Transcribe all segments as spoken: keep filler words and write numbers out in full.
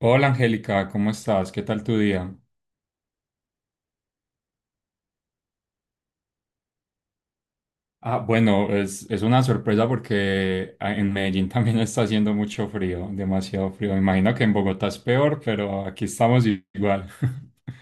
Hola Angélica, ¿cómo estás? ¿Qué tal tu día? Ah, bueno, es, es una sorpresa porque ah, en Medellín también está haciendo mucho frío, demasiado frío. Imagino que en Bogotá es peor, pero aquí estamos i- igual.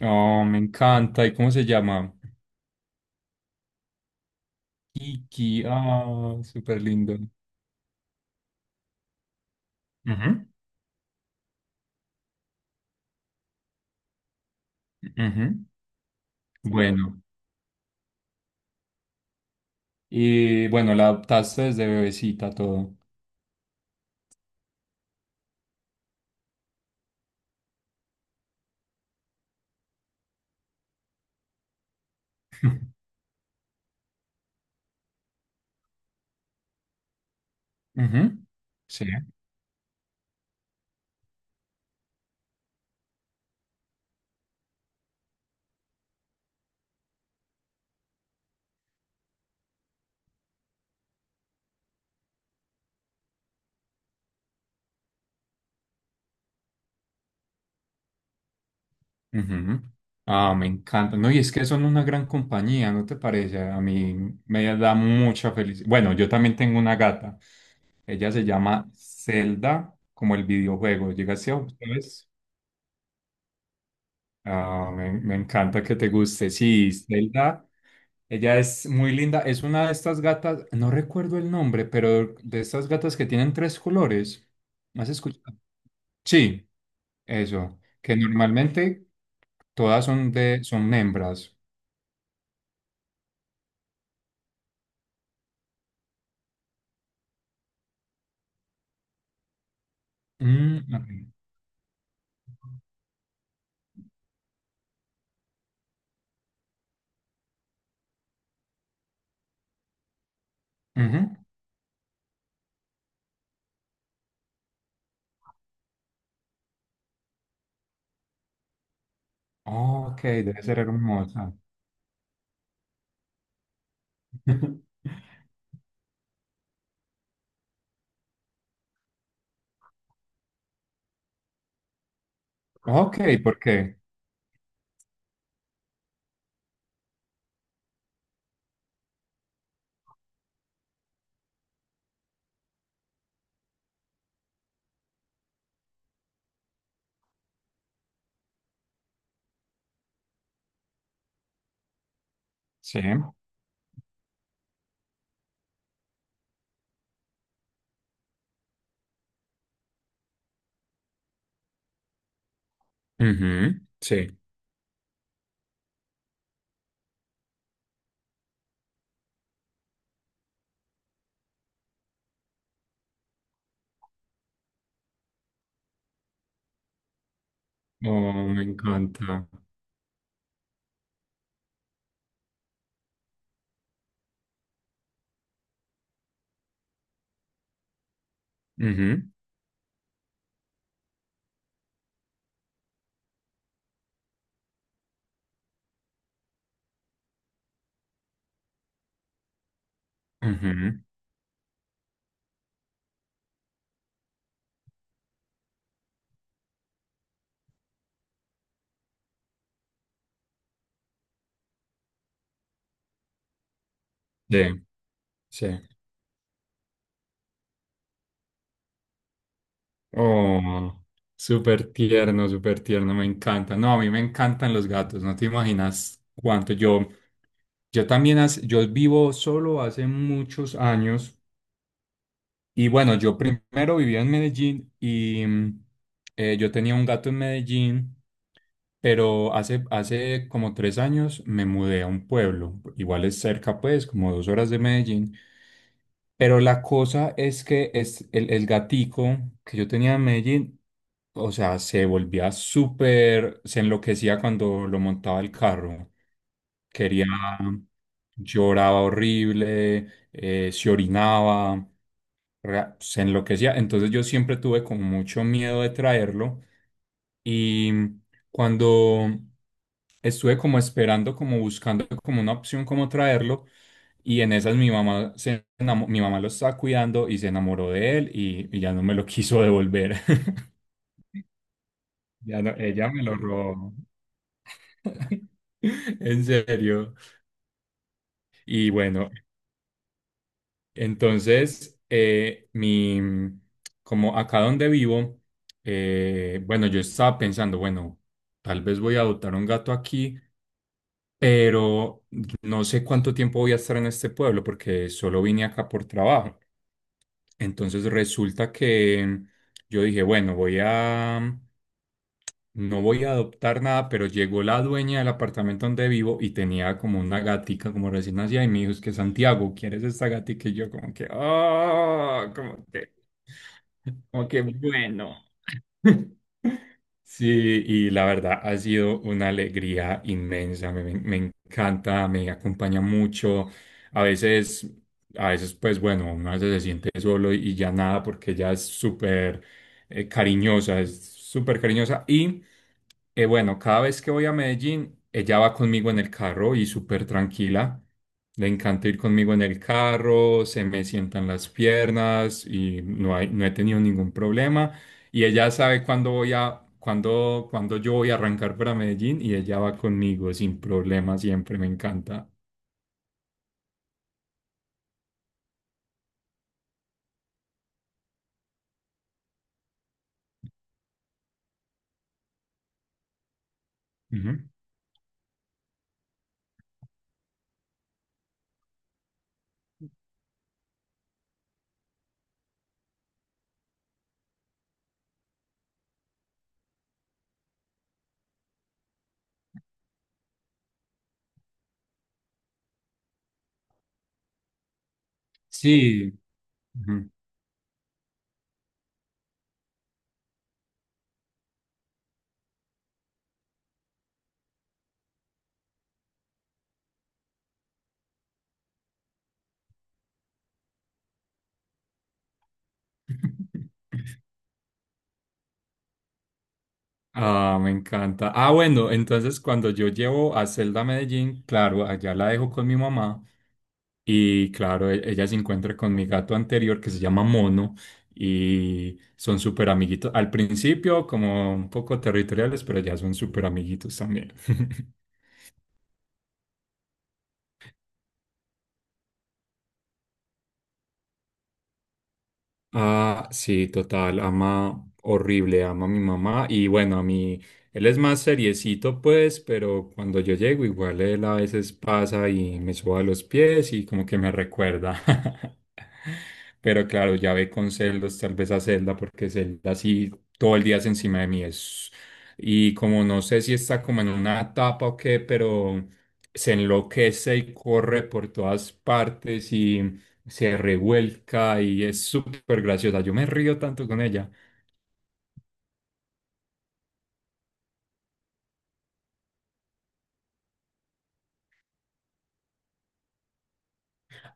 Oh, me encanta. ¿Y cómo se llama? Kiki. Ah, súper lindo. Ujú, ujú. Bueno, y bueno, la adoptaste desde bebecita todo. Ujú, sí. Ujú. Ah, me encanta. No, y es que son una gran compañía, ¿no te parece? A mí me da mucha felicidad. Bueno, yo también tengo una gata. Ella se llama Zelda, como el videojuego. ¿Llegaste a ustedes? Ah, me, me encanta que te guste. Sí, Zelda. Ella es muy linda. Es una de estas gatas, no recuerdo el nombre, pero de estas gatas que tienen tres colores. ¿Me has escuchado? Sí, eso. Que normalmente todas son de, son hembras. Mm, ok. Ujú. Ok, debe ser hermosa. Ok, ¿por qué? Sí. Ujú, sí. Oh, me encanta. Ujú, ujú, sí, sí. Oh, súper tierno, súper tierno, me encanta. No, a mí me encantan los gatos, no te imaginas cuánto. Yo, yo también, hace- yo vivo solo hace muchos años. Y bueno, yo primero vivía en Medellín y mm, eh, yo tenía un gato en Medellín, pero hace, hace como tres años me mudé a un pueblo, igual es cerca pues, como dos horas de Medellín, pero la cosa es que es el, el gatico que yo tenía en Medellín, o sea, se volvía súper, se enloquecía cuando lo montaba el carro, quería, lloraba horrible, eh, se orinaba, ra- se enloquecía. Entonces yo siempre tuve como mucho miedo de traerlo. Y mm, cuando estuve como esperando, como buscando como una opción como traerlo, y en esas mi mamá se enamo- mi mamá lo estaba cuidando y se enamoró de él y, y ya no me lo quiso devolver. Ya no, ella me lo robó. En serio. Y bueno, entonces, eh, mi, como acá donde vivo, eh, bueno, yo estaba pensando, bueno, tal vez voy a adoptar un gato aquí, pero no sé cuánto tiempo voy a estar en este pueblo porque solo vine acá por trabajo. Entonces resulta que yo dije, bueno, voy a no voy a adoptar nada, pero llegó la dueña del apartamento donde vivo y tenía como una gatica como recién nacida y me dijo, es que Santiago, ¿quieres esta gatica? Y yo como que, oh, como que, como que bueno. Sí, y la verdad ha sido una alegría inmensa, me, me- me encanta, me acompaña mucho. A veces, a veces pues bueno, uno a veces se siente solo y ya nada porque ya es súper eh, cariñosa, es súper cariñosa. Y eh, bueno, cada vez que voy a Medellín, ella va conmigo en el carro y súper tranquila. Le encanta ir conmigo en el carro, se me sientan las piernas y no hay, no he tenido ningún problema. Y ella sabe cuándo voy a, cuándo, cuándo yo voy a arrancar para Medellín y ella va conmigo sin problema siempre, me encanta. Ujú. Sí. Ujú. Ah, me encanta. Ah, bueno, entonces cuando yo llevo a Zelda a Medellín, claro, allá la dejo con mi mamá y claro, e- ella se encuentra con mi gato anterior que se llama Mono y son súper amiguitos. Al principio como un poco territoriales, pero ya son súper amiguitos también. Ah, sí, total, ama horrible, ama a mi mamá y bueno, a mí, él es más seriecito pues, pero cuando yo llego igual él a veces pasa y me suba a los pies y como que me recuerda. Pero claro, ya ve con celos tal vez a Zelda porque Zelda sí todo el día es encima de mí es. Y como no sé si está como en una etapa o qué, pero se enloquece y corre por todas partes y se revuelca y es súper graciosa. Yo me río tanto con ella.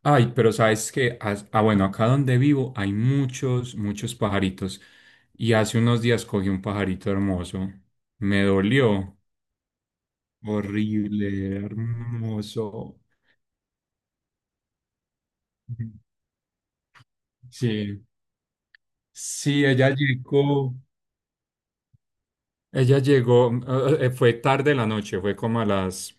Ay, pero sabes que, ah, bueno, acá donde vivo hay muchos, muchos pajaritos. Y hace unos días cogí un pajarito hermoso. Me dolió. Horrible, hermoso. Sí, sí, ella llegó. Ella llegó, eh, eh, fue tarde la noche, fue como a las,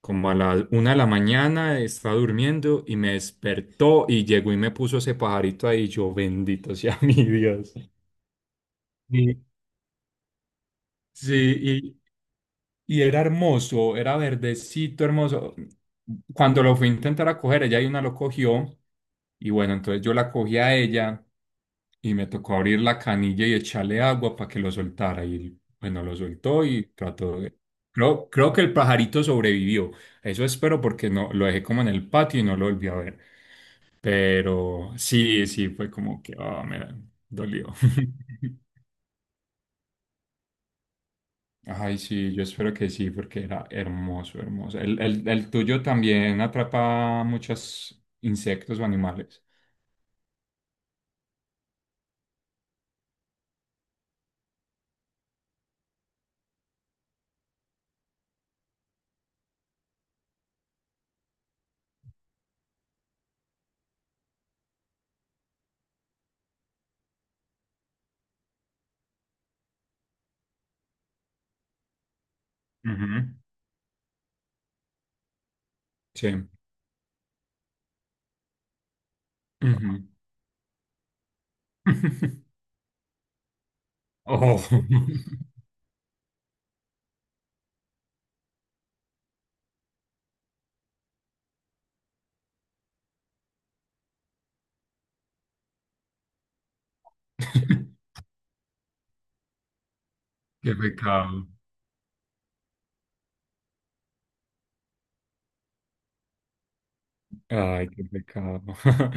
como a las una de la mañana, estaba durmiendo y me despertó y llegó y me puso ese pajarito ahí, yo bendito sea mi Dios. Y, sí. Y era hermoso, era verdecito, hermoso. Cuando lo fui a intentar a coger, ella y una lo cogió. Y bueno, entonces yo la cogí a ella y me tocó abrir la canilla y echarle agua para que lo soltara. Y bueno, lo soltó y trató de. Creo, creo que el pajarito sobrevivió. Eso espero porque no lo dejé como en el patio y no lo volví a ver. Pero sí, sí, fue como que, ah, me dolió. Ay, sí, yo espero que sí, porque era hermoso, hermoso. ¿El, el, el tuyo también atrapa muchos insectos o animales? Ujú, sí. Ujú. Oh, qué pecado. Ay, qué pecado.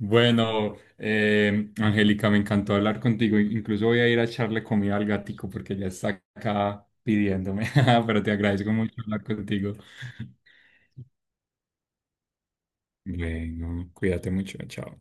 Bueno, eh, Angélica, me encantó hablar contigo. Incluso voy a ir a echarle comida al gatico porque ya está acá pidiéndome. Pero te agradezco mucho hablar contigo. Bueno, cuídate mucho, chao.